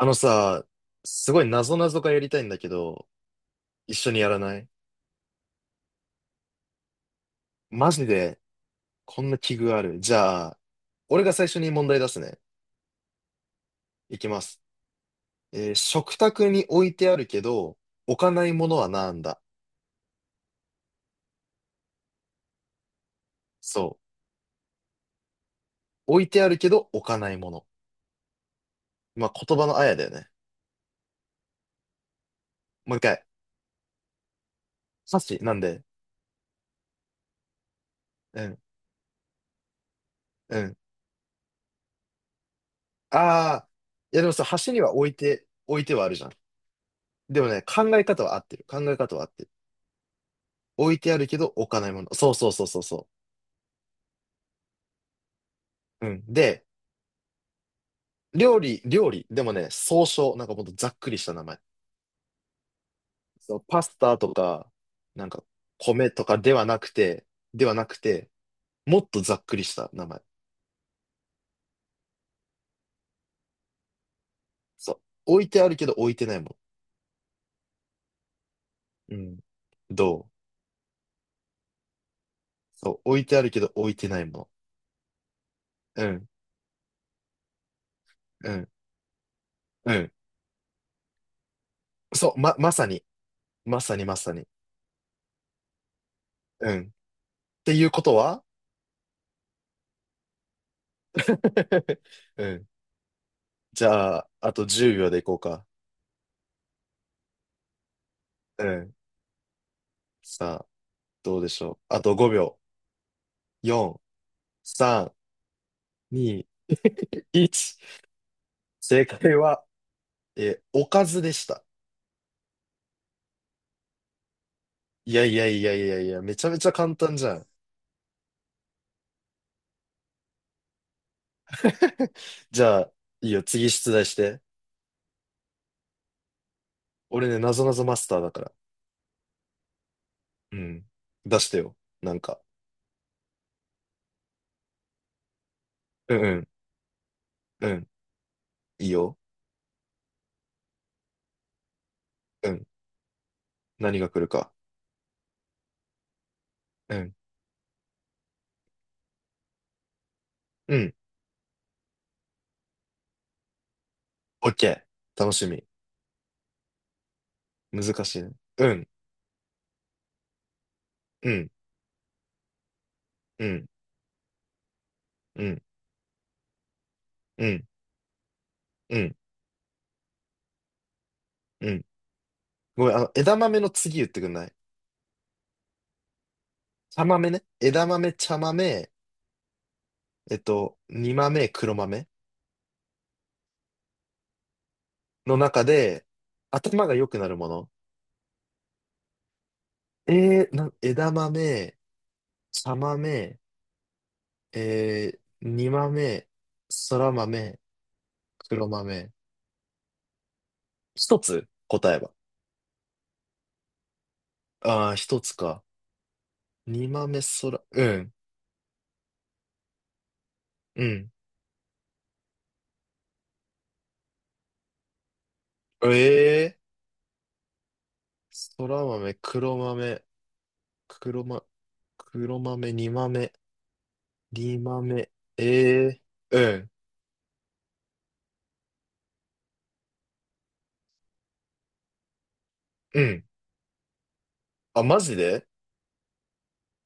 あのさ、すごい謎々がやりたいんだけど、一緒にやらない？マジで、こんな器具ある？じゃあ、俺が最初に問題出すね。いきます。食卓に置いてあるけど、置かないものはなんだ？そう。置いてあるけど、置かないもの。まあ、言葉のあやだよね。もう一回。箸なんで？うん、うん。ああ、いやでもさ、箸には置いて、置いてはあるじゃん。でもね、考え方は合ってる。考え方は合ってる。置いてあるけど、置かないもの。そうそうそうそうそう。うん。で、料理、料理。でもね、総称。なんかもっとざっくりした名前。そう、パスタとか、なんか、米とかではなくて、ではなくて、もっとざっくりした名前。そう。置いてあるけど置いてないもの。うん。どう？そう。置いてあるけど置いてないもの。うん。うん。うん。そう。まさに。まさにまさに。うん。っていうことは。 うん。じゃあ、あと10秒でいこうか。うん。さあ、どうでしょう。あと5秒。4、3、2、1。正解は、おかずでした。いやいやいやいやいや、めちゃめちゃ簡単じゃん。じゃあ、いいよ、次出題して。俺ね、なぞなぞマスターだから。うん。出してよ。なんか。うんうん。うん。いいよ。うん。何が来るか。うん。うん。オッケー。楽しみ。難しいね。うん。うん。うん。うん。うん。うん。うん。ごめん、枝豆の次言ってくんない？茶豆ね。枝豆、茶豆、煮豆、黒豆の中で、頭が良くなるもの。枝豆、茶豆、煮豆、空豆、黒豆。一つ答えは？ああ、一つか。煮豆、空、うん、うん。ええー、空豆、黒豆、黒ま、黒豆、煮豆、煮豆、ええー、うん、うん。あ、マジで？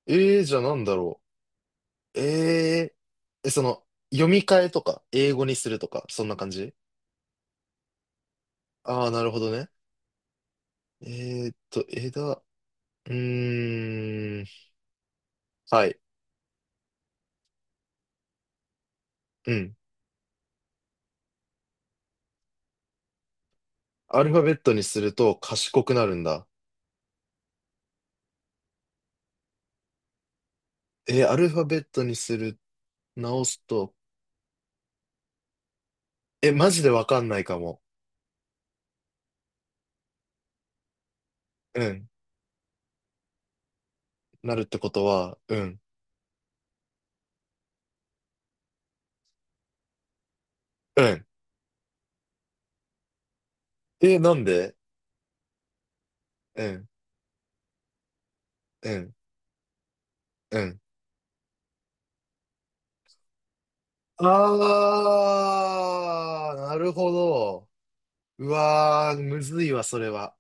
ええー、じゃあなんだろう。えええ、その、読み替えとか、英語にするとか、そんな感じ？ああー、なるほどね。えーっと、枝、うーん、はい、うん。アルファベットにすると賢くなるんだ。アルファベットにする、直すと、え、マジでわかんないかも。うん、なるってことは、うん、うん。え、なんで？うん、うん、うん。ああ、なるほど。うわー、むずいわ、それは。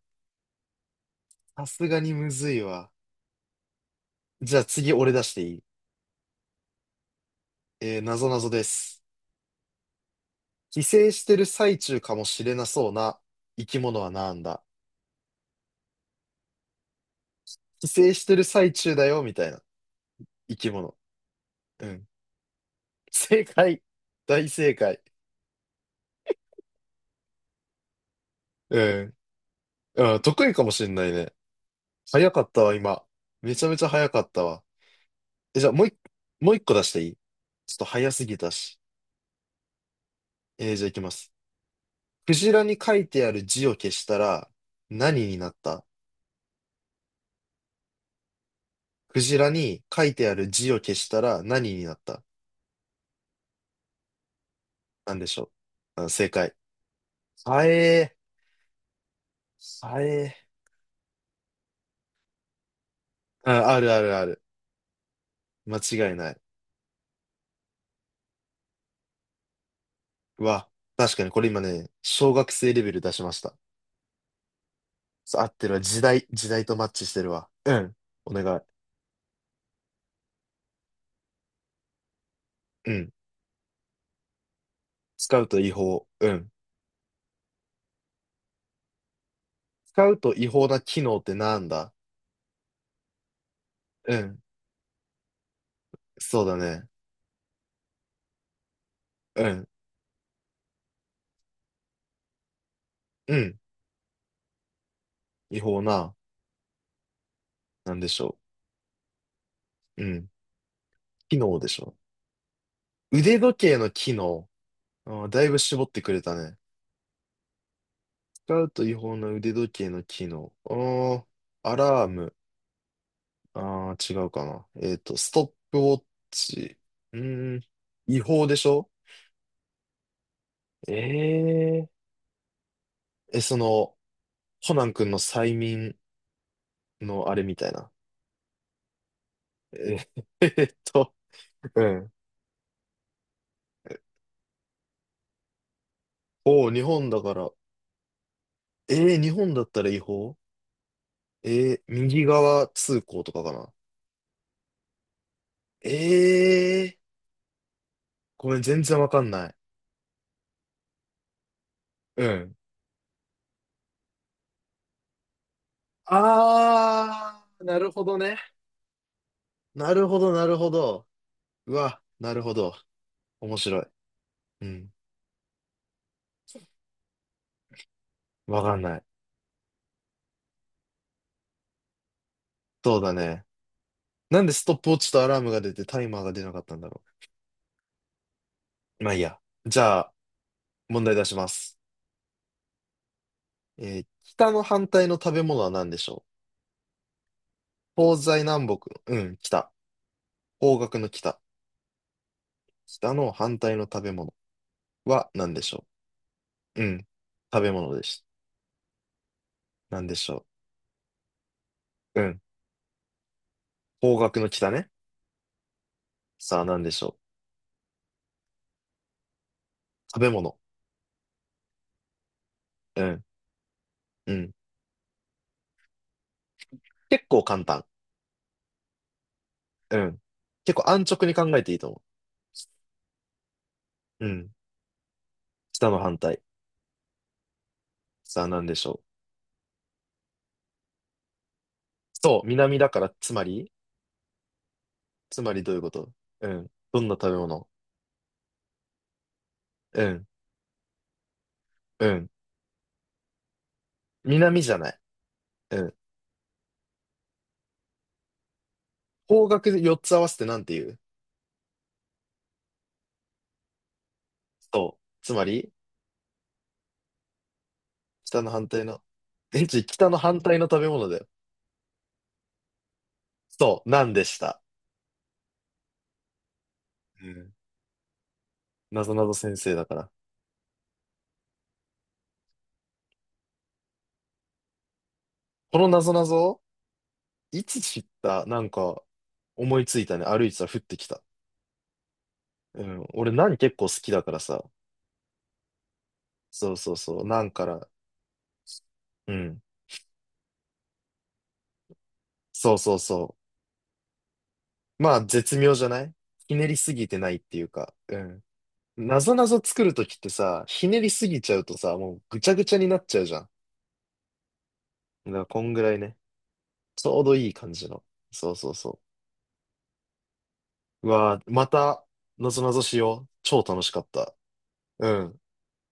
さすがにむずいわ。じゃあ次俺出していい？なぞなぞです。寄生してる最中かもしれなそうな生き物はなんだ？寄生してる最中だよ、みたいな生き物。うん。正解。大正解。うん。うん、得意かもしれないね。早かったわ、今。めちゃめちゃ早かったわ。え、じゃあもう一個出していい？ちょっと早すぎたし。じゃあいきます。クジラに書いてある字を消したら何になった？クジラに書いてある字を消したら何になった？なんでしょう。あ、正解。はえー、はえー。あ、あるあるある。間違いない。うわ、確かにこれ今ね、小学生レベル出しました。そう合ってるわ。時代、時代とマッチしてるわ。うん。お願い。うん。使うと違法。うん。使うと違法な機能ってなんだ？うん。そうだね。うん。うん。違法な、なんでしょう。うん。機能でしょう。腕時計の機能。あーだいぶ絞ってくれたね。使うと違法な腕時計の機能。ああ、アラーム。ああ、違うかな。ストップウォッチ。うーん、違法でしょ？ええー。え、その、コナン君の催眠のあれみたいな。えー。 えっと、うん。おお、日本だから。えー、日本だったら違法？えー、右側通行とかかな。えー、ごめん、全然わかんない。うん。あー、なるほどね。なるほど、なるほど。うわ、なるほど。面白い。うん。わかんない。そうだね。なんでストップウォッチとアラームが出てタイマーが出なかったんだろう。まあいいや。じゃあ、問題出します。北の反対の食べ物は何でしょう？東西南北の。うん、北。方角の北。北の反対の食べ物は何でしょう？うん。食べ物です。何でしょう？うん。方角の北ね。さあ何でしょう？食べ物。うん。うん。結構簡単。うん。結構安直に考えていいと思う。うん。北の反対。さあ、何でしょう。そう、南だから、つまり。つまりどういうこと？うん。どんな食べ物？うん。うん。南じゃない。うん。方角4つ合わせてなんて言う？そう。つまり、北の反対の、え、ちょ、北の反対の食べ物だよ。そう、なんでした。うん。なぞなぞ先生だから。このなぞなぞ、いつ知った？なんか、思いついたね。歩いてたら降ってきた。うん。俺、何結構好きだからさ。そうそうそう。なんから、うん。そうそうそう。まあ、絶妙じゃない？ひねりすぎてないっていうか、うん。なぞなぞ作るときってさ、ひねりすぎちゃうとさ、もうぐちゃぐちゃになっちゃうじゃん。だから、こんぐらいね。ちょうどいい感じの。そうそうそう。うわーまた、なぞなぞしよう。超楽しかった。うん。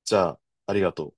じゃあ、ありがとう。